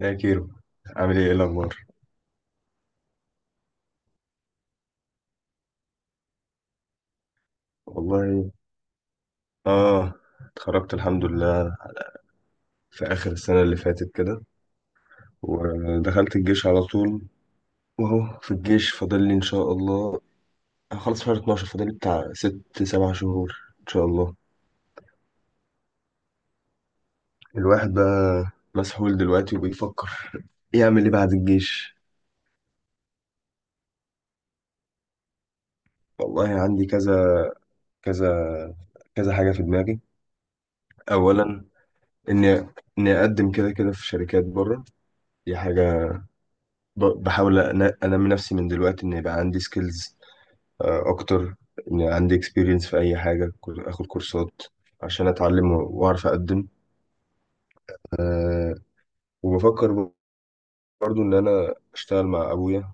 يا كيرو، عامل ايه؟ إيه الاخبار؟ والله اه، اتخرجت الحمد لله في اخر السنه اللي فاتت كده. ودخلت الجيش على طول. واهو في الجيش فاضل لي ان شاء الله، هخلص شهر 12. فاضل لي بتاع 6 7 شهور ان شاء الله. الواحد بقى مسحول دلوقتي وبيفكر يعمل ايه بعد الجيش. والله عندي كذا كذا كذا حاجه في دماغي. اولا اني اني اقدم كده كده في شركات بره. دي حاجه. بحاول انمي نفسي من دلوقتي ان يبقى عندي سكيلز اكتر، ان عندي اكسبيرينس في اي حاجه. اخد كورسات عشان اتعلم واعرف اقدم. آه، وبفكر برضو ان انا اشتغل مع ابويا،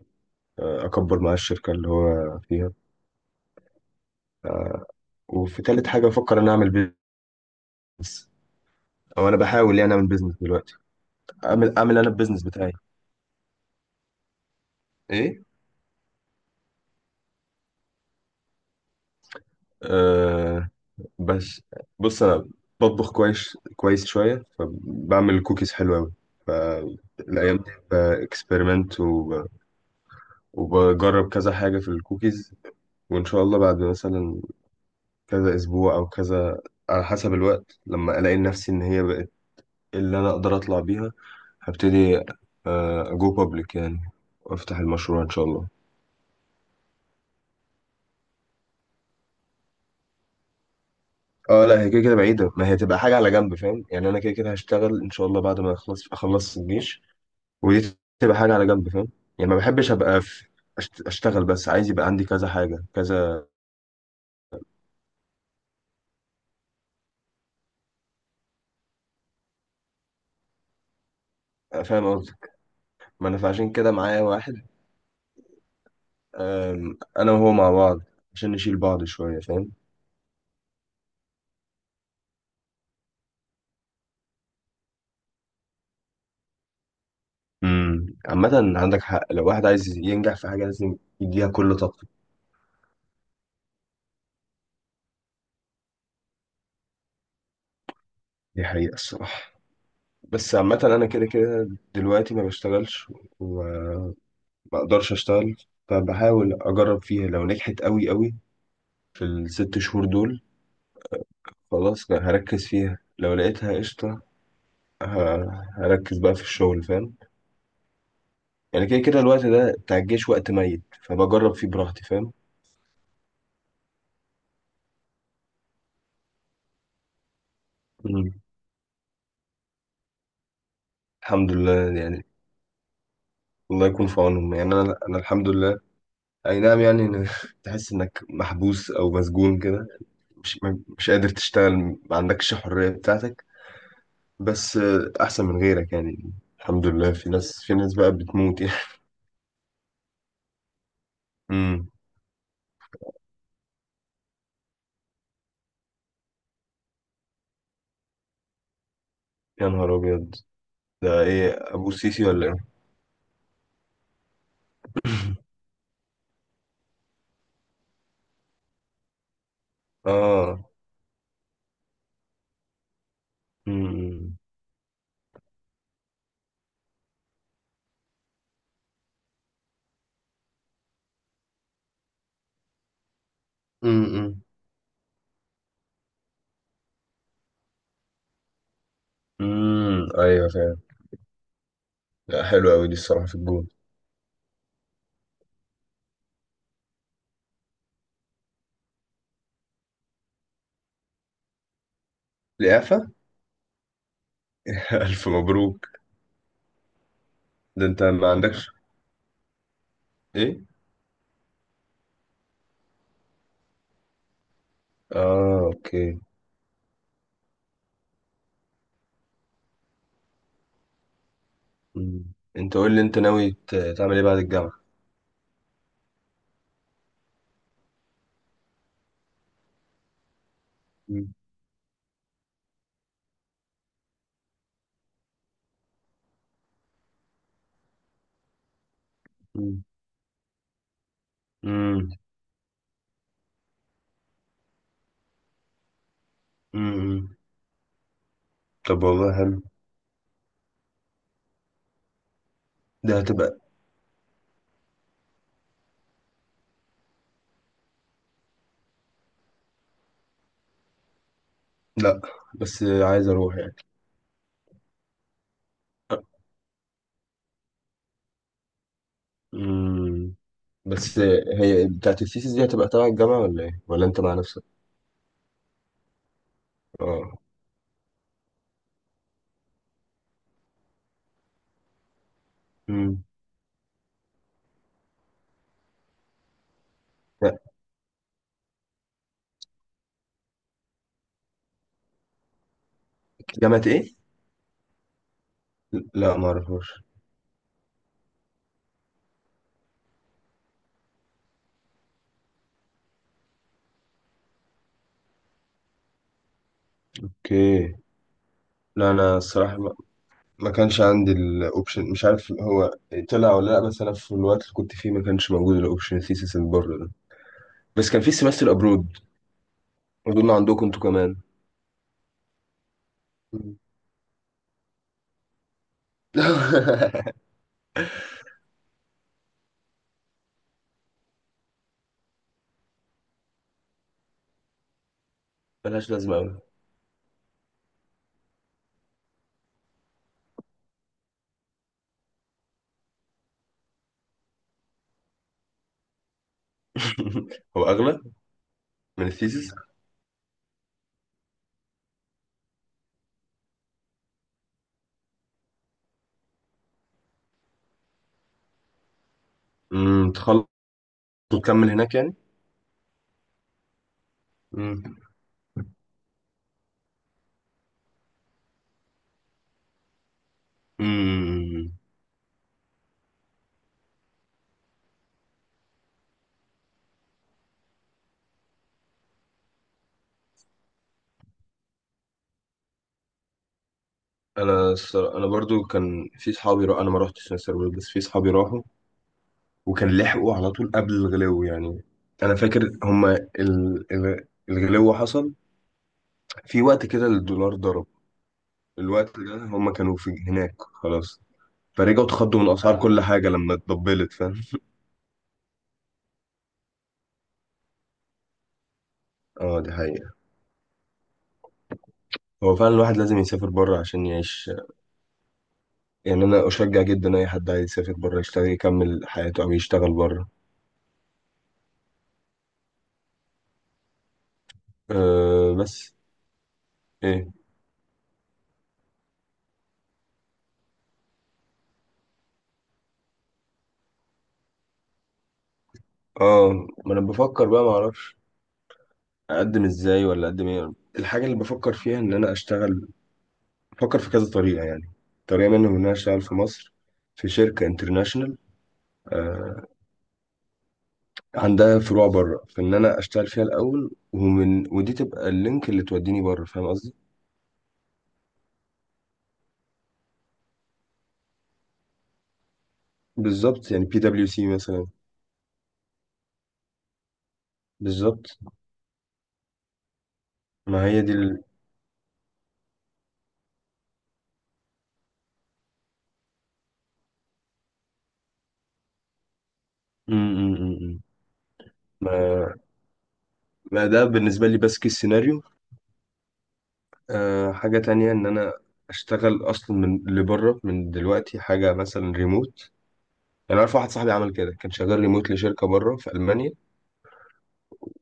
اكبر معاه الشركه اللي هو فيها. وفي تالت حاجه بفكر ان اعمل بيزنس، او انا بحاول يعني اعمل بيزنس دلوقتي. اعمل انا البيزنس بتاعي ايه بس. بص انا بطبخ كويس كويس شويه، فبعمل كوكيز حلوه قوي. فالايام دي باكسبيرمنت وبجرب كذا حاجه في الكوكيز. وان شاء الله بعد مثلا كذا اسبوع او كذا، على حسب الوقت، لما الاقي نفسي ان هي بقت اللي انا اقدر اطلع بيها، هبتدي اجو بابليك يعني، وافتح المشروع ان شاء الله. اه لا، هي كده كده بعيده. ما هي تبقى حاجه على جنب، فاهم؟ يعني انا كده كده هشتغل ان شاء الله بعد ما اخلص الجيش، ودي تبقى حاجة على جنب، فاهم؟ يعني ما بحبش أبقى في أشتغل، بس عايز يبقى عندي كذا حاجة كذا. فاهم قصدك. ما أنا فعشان كده معايا واحد، أنا وهو مع بعض عشان نشيل بعض شوية، فاهم؟ امم، عامة عندك حق، لو واحد عايز ينجح في حاجة لازم يديها كل طاقته. دي حقيقة الصراحة. بس عامة أنا كده كده دلوقتي ما بشتغلش، وما أقدرش أشتغل. فبحاول أجرب فيها. لو نجحت أوي أوي في الست شهور دول، خلاص هركز فيها. لو لقيتها قشطة، هركز بقى في الشغل، فاهم؟ يعني كده كده الوقت ده بتاع الجيش وقت ميت، فبجرب فيه براحتي، فاهم؟ مم. الحمد لله، يعني الله يكون في عونهم. يعني انا الحمد لله. اي نعم، يعني تحس انك محبوس او مسجون كده، مش مش قادر تشتغل، ما عندكش الحرية بتاعتك. بس احسن من غيرك يعني. الحمد لله، في ناس بقى بتموت يعني. امم. يا نهار ابيض! ده ايه، ابو سيسي ولا ايه؟ اه. امم. امم. امم، ايوه فاهم. لا، حلو قوي دي الصراحه، في الجون. لياقه؟ الف مبروك! ده انت ما عندكش؟ ايه؟ اه، اوكي. مم. انت قول لي، انت ناوي تعمل ايه بعد الجامعه؟ مم. مم. مم. مم. طب والله حلو. ده هتبقى. لا، بس عايز اروح يعني. آه. مم. بس هي بتاعت الثيسيس دي هتبقى تبع الجامعة ولا ايه؟ ولا انت مع نفسك؟ اه. امم. لا. جامعة ايه؟ لا، ما اعرفوش. اوكي. لا، انا الصراحة ما كانش عندي الاوبشن. مش عارف هو طلع ولا لا، بس انا في الوقت اللي كنت فيه ما كانش موجود الاوبشن الثيسيس اللي بره ده. بس كان في سيمستر ابرود، اظن عندكم انتوا كمان. مم. ملهاش لازمه قوي. هو اغلى من الثيسيس. امم، تخلص وتكمل هناك يعني. امم. امم. انا الصرا-، انا برضو كان في صحابي انا ما رحتش سيمستر ابرود، بس في صحابي راحوا وكان لحقوا على طول قبل الغلو يعني. انا فاكر هما الغلو حصل في وقت كده، الدولار ضرب الوقت ده هما كانوا في هناك خلاص. فرجعوا اتخضوا من اسعار اه كل حاجه لما اتضبلت، فاهم؟ اه، دي حقيقه. هو فعلا الواحد لازم يسافر بره عشان يعيش. يعني انا اشجع جدا اي حد عايز يسافر بره يشتغل يكمل حياته او يشتغل بره. أه بس. ايه؟ اه، ما انا بفكر بقى ما اعرفش اقدم ازاي ولا اقدم ايه. الحاجه اللي بفكر فيها ان انا اشتغل. بفكر في كذا طريقه يعني. طريقه منهم ان انا اشتغل في مصر في شركه انترناشونال عندها فروع بره، فان انا اشتغل فيها الاول، ومن ودي تبقى اللينك اللي توديني بره، فاهم قصدي؟ بالظبط، يعني بي دبليو سي مثلا. بالظبط. ما هي دي ال... م -م -م. م. ما... ما ده بالنسبه لي بس كيس سيناريو. آه، حاجه تانية ان انا اشتغل اصلا من لبره من دلوقتي، حاجه مثلا ريموت. يعني عارف واحد صاحبي عمل كده، كان شغال ريموت لشركه بره في المانيا،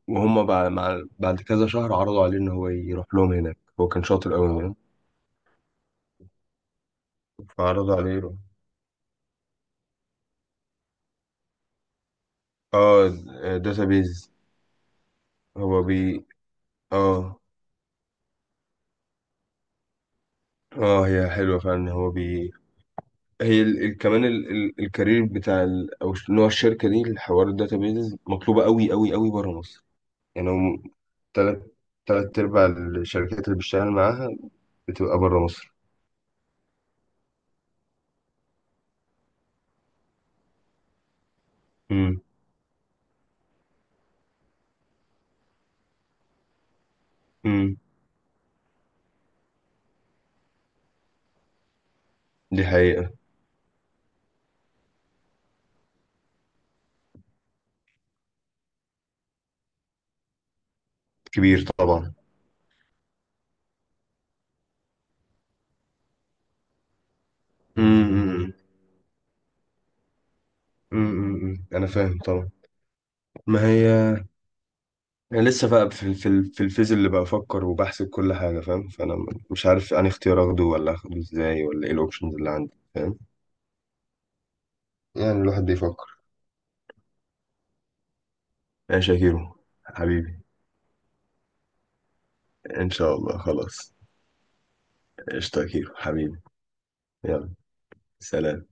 وهم بعد كذا شهر عرضوا عليه ان هو يروح لهم هناك. هو كان شاطر قوي يعني. فعرضوا عليه يروح. اه، داتابيز هو بي. اه. اه، هي حلوه فعلا، هو بي. هي ال... ال... كمان ال... ال... الكارير بتاع ال... او نوع الشركه دي، الحوار الداتابيز مطلوبه قوي قوي قوي بره مصر. يعني هم تلات، ارباع الشركات اللي بشتغل معاها بتبقى بره مصر. امم. امم. دي حقيقه. كبير طبعا. امم. امم. أمم. أمم. انا فاهم طبعا. ما هي انا لسه بقى في الفيز اللي بفكر وبحسب كل حاجه، فاهم؟ فانا مش عارف انهي اختيار اخده، ولا اخده ازاي، ولا ايه الاوبشنز اللي عندي، فاهم؟ يعني الواحد بيفكر. ماشي يا شاكيرو حبيبي. ان شاء الله، خلاص. قشطة يا كيرو حبيبي. يلا. سلام.